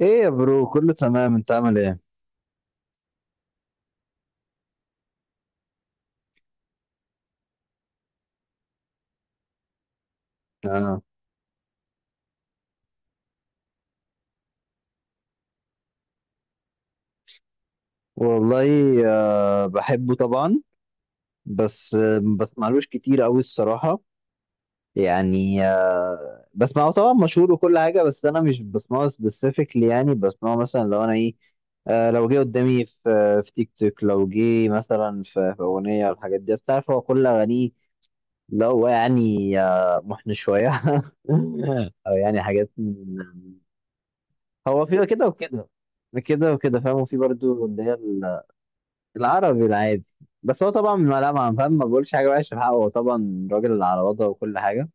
ايه يا برو كله تمام، انت عامل ايه؟ آه. والله، آه بحبه طبعا. بس ما بسمعلوش كتير قوي الصراحة. يعني بسمعه طبعا، مشهور وكل حاجة، بس انا مش بسمعه سبيسيفيكلي. يعني بسمعه مثلا لو انا ايه، لو جه قدامي في تيك توك، لو جه مثلا في اغنية والحاجات دي. بس تعرف هو كل اغانيه لو يعني محن شوية او يعني حاجات. هو في كده وكده، كده وكده، فاهم؟ وفي برضو اللي هي العربي العادي. بس هو طبعا ما فاهم، ما بقولش حاجه وحشه في حقه، هو طبعا راجل على وضعه وكل حاجه.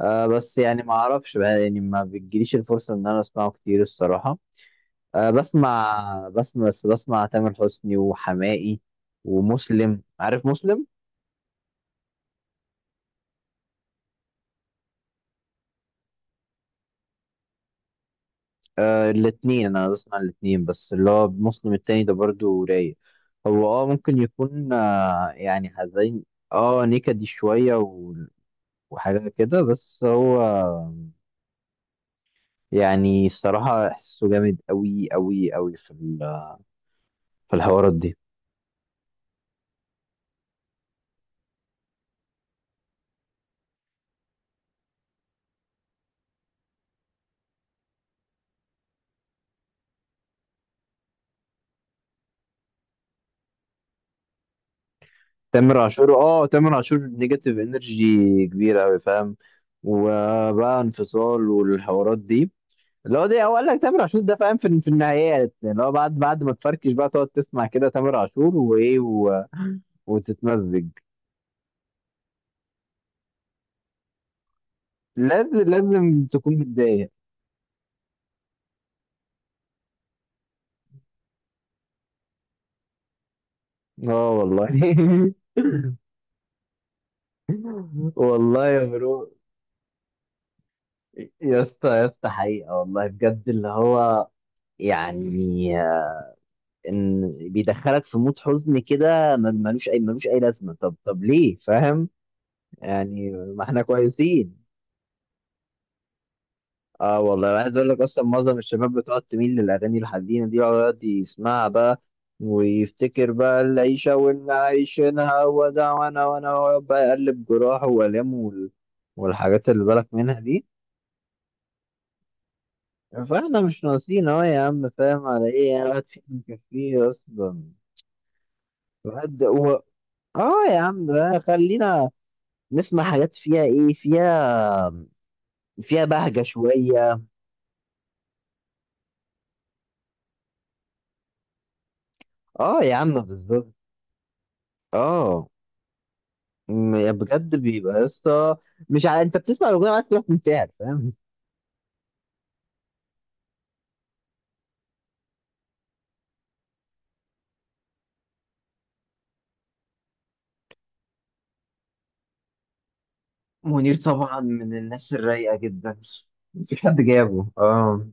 آه بس يعني ما اعرفش بقى، يعني ما بتجيليش الفرصه ان انا اسمعه كتير الصراحه. آه بسمع تامر حسني وحماقي ومسلم، عارف مسلم؟ آه الاتنين، انا بسمع الاتنين. بس اللي هو مسلم التاني ده برضو رايق. هو اه ممكن يكون يعني حزين. اه نكدي شوية وحاجة كده. بس هو يعني الصراحة إحساسه جامد أوي أوي أوي في في الحوارات دي. تامر عاشور، اه تامر عاشور نيجاتيف انرجي كبيرة أوي، فاهم؟ وبقى انفصال والحوارات دي. اللي هو ده هو قال لك تامر عاشور ده فاهم في النهايات. يعني اللي هو بعد ما تفركش بقى تقعد تسمع كده تامر عاشور وإيه و... وتتمزج. لازم تكون متضايق. اه والله. والله يا برو، يا اسطى حقيقة والله بجد اللي هو يعني آه، ان بيدخلك في مود حزن كده، ملوش اي لازمة. طب ليه؟ فاهم؟ يعني ما احنا كويسين. اه والله، عايز اقول لك اصلا معظم الشباب بتقعد تميل للاغاني الحزينة دي، ويقعد يسمعها بقى ويفتكر بقى العيشة واللي عايشينها وده، وانا ويقعد بقى يقلب جراحه والامه والحاجات اللي بالك منها دي. فاحنا مش ناقصين اهو يا عم، فاهم على ايه؟ يعني الواحد فينا مكفيه اصلا. الواحد هو اه يا عم بقى، خلينا نسمع حاجات فيها ايه، فيها فيها بهجة شوية. اه يا عم بالظبط. اه يعني بجد بيبقى يا اسطى مش ع... انت بتسمع الاغنية عايز تروح منتحر، فاهم؟ منير طبعا من الناس الرايقة جدا. مفيش حد جابه، اه.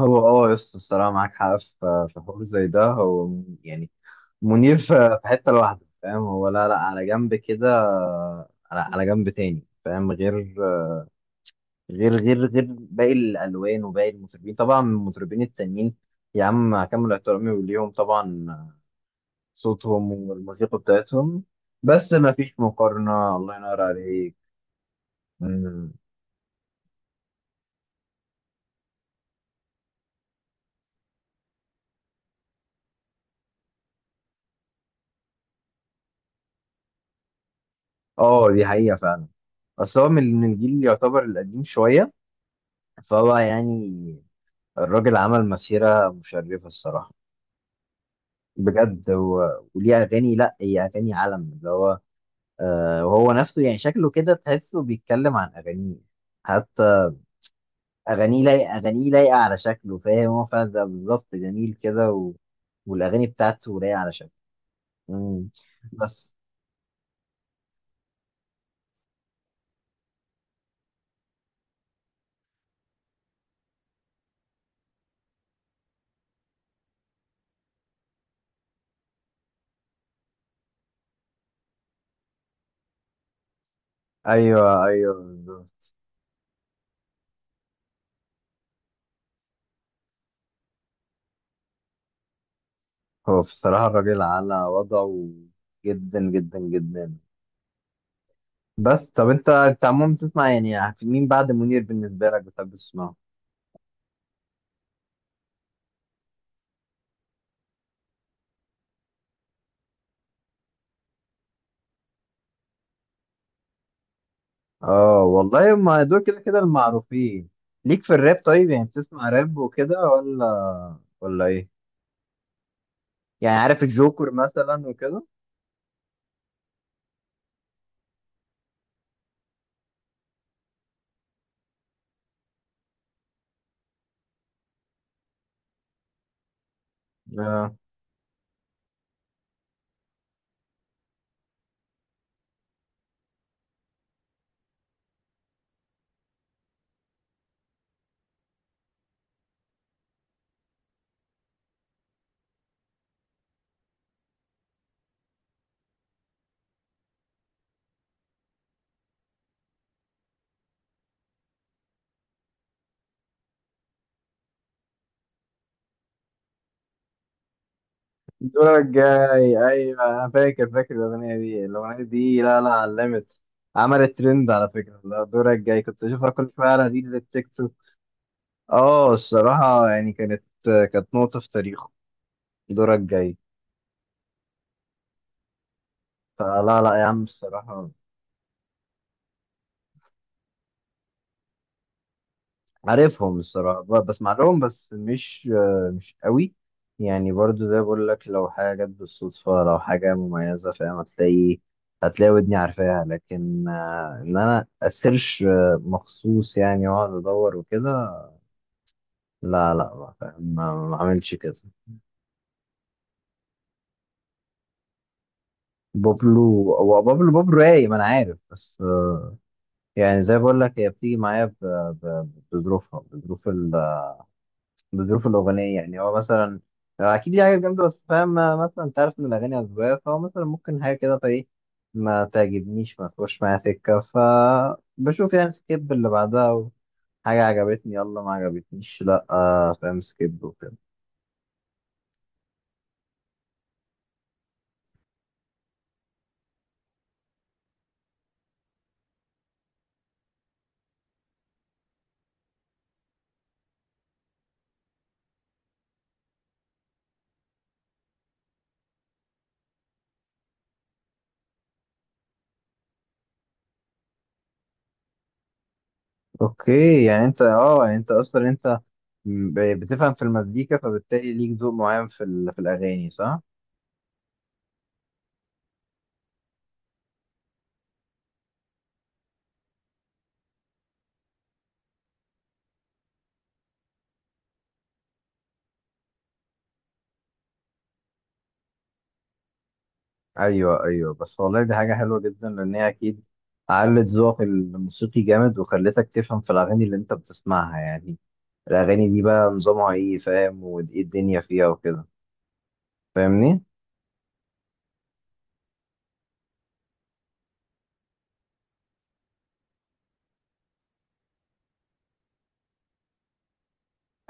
هو اه يا اسطى، الصراحة معاك حق في حوار زي ده. هو يعني منير في حتة لوحده، فاهم؟ هو لا لا على جنب كده، على جنب تاني، فاهم؟ غير غير باقي الألوان وباقي المطربين، طبعا المطربين التانيين يا عم مع كامل احترامي ليهم طبعا، صوتهم والموسيقى بتاعتهم. بس ما فيش مقارنة، الله ينور عليك. مم. اه دي حقيقة فعلا. بس هو من الجيل اللي يعتبر القديم شوية، فهو يعني الراجل عمل مسيرة مشرفة الصراحة، بجد. و... وليه اغاني، لا هي اغاني عالم اللي هو آه وهو نفسه يعني شكله كده تحسه بيتكلم عن اغانيه حتى. اغانيه لايقه على شكله، فاهم هو؟ فاهم ده بالظبط، جميل كده. و... والاغاني بتاعته لايقه على شكله. مم. بس ايوه بالظبط. هو بصراحه الراجل على وضعه جدا. بس طب انت عموما بتسمع يعني مين بعد منير بالنسبه لك، بتحب تسمعه؟ اه والله ما دول كده كده المعروفين. ليك في الراب طيب؟ يعني بتسمع راب وكده ولا ايه؟ يعني عارف الجوكر مثلا وكده. اه دورك جاي، ايوه انا فاكر، الاغنيه دي، الاغنيه دي لا لا علمت، عملت ترند على فكره، لا دورك جاي كنت اشوفها كل شويه على ريلز التيك توك. اه الصراحه يعني كانت نقطه في تاريخه دورك جاي. فلا لا يا عم الصراحه، عارفهم الصراحة، بسمع لهم بس مش آه، مش قوي. يعني برضو زي بقول لك، لو حاجة جت بالصدفة، لو حاجة مميزة، فاهم، هتلاقي ودني عارفاها. لكن آه، إن أنا أسيرش آه، مخصوص يعني وأقعد أدور وكده، لا لا ما فاهم، ما ما عملش كده. بابلو، هو بابلو، بابلو رايق ما أنا عارف. بس آه، يعني زي بقول لك هي بتيجي معايا بظروفها، بظروف الأغنية. يعني هو مثلا هو أكيد دي حاجة جامدة بس فاهم، مثلا أنت عارف إن الأغاني أذواق، فهو مثلا ممكن حاجة كده فإيه، ما تعجبنيش، ما تخش معايا سكة، فبشوف يعني سكيب اللي بعدها. حاجة عجبتني يلا، ما عجبتنيش لأ آه، فاهم، سكيب وكده. أوكي يعني أنت أه يعني أنت أصلا أنت بتفهم في المزيكا، فبالتالي ليك ذوق معين في, في الأغاني، صح؟ ايوه بس والله دي حاجه حلوه جدا، لان هي اكيد علت ذوقك الموسيقي جامد وخلتك تفهم في الاغاني اللي انت بتسمعها. يعني الاغاني دي بقى نظامها ايه، فاهم، وايه الدنيا فيها وكده. فاهمني؟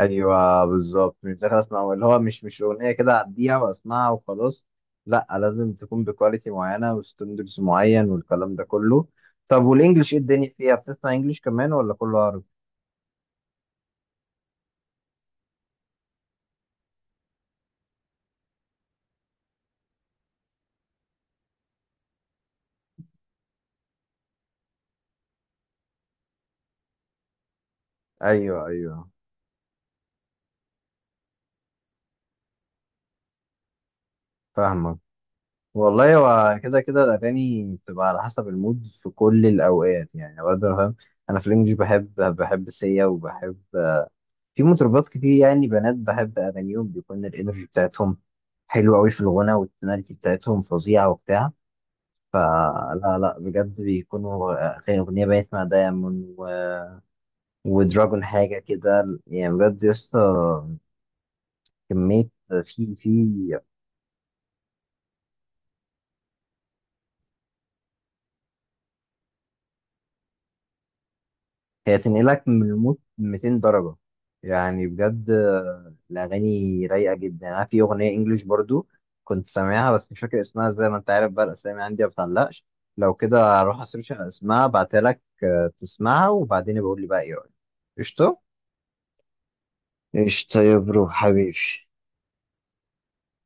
ايوه بالظبط، مش داخل اسمع اللي هو مش اغنيه كده اعديها واسمعها وخلاص. لا لازم تكون بكواليتي معينه وستاندرز معين والكلام ده كله. طب والانجليش ايه الدنيا فيها؟ بتسمع انجليش كمان ولا كله عربي؟ ايوه فاهمك. والله هو كده كده الأغاني بتبقى على حسب المود في كل الأوقات. يعني أوقات أنا فاهم، أنا في الإنجليش بحب سيا، وبحب في مطربات كتير يعني بنات بحب أغانيهم، بيكون الإنرجي بتاعتهم حلوة أوي في الغنى، والتوناليتي بتاعتهم فظيعة وبتاع. فلا لا بجد بيكونوا أغنية بقيت مع دايمون و... ودراجون حاجة كده، يعني بجد يسطا كمية في هي تنقلك من الموت 200 درجة. يعني بجد آه، الأغاني رايقة جدا. أنا في أغنية إنجليش برضو كنت سامعها بس مش فاكر اسمها، زي ما أنت عارف بقى الأسامي عندي ما بتعلقش. لو كده هروح أسيرش على اسمها أبعتها لك آه، تسمعها، وبعدين بقول لي بقى إيه رأيك. قشطة؟ قشطة يا برو حبيبي.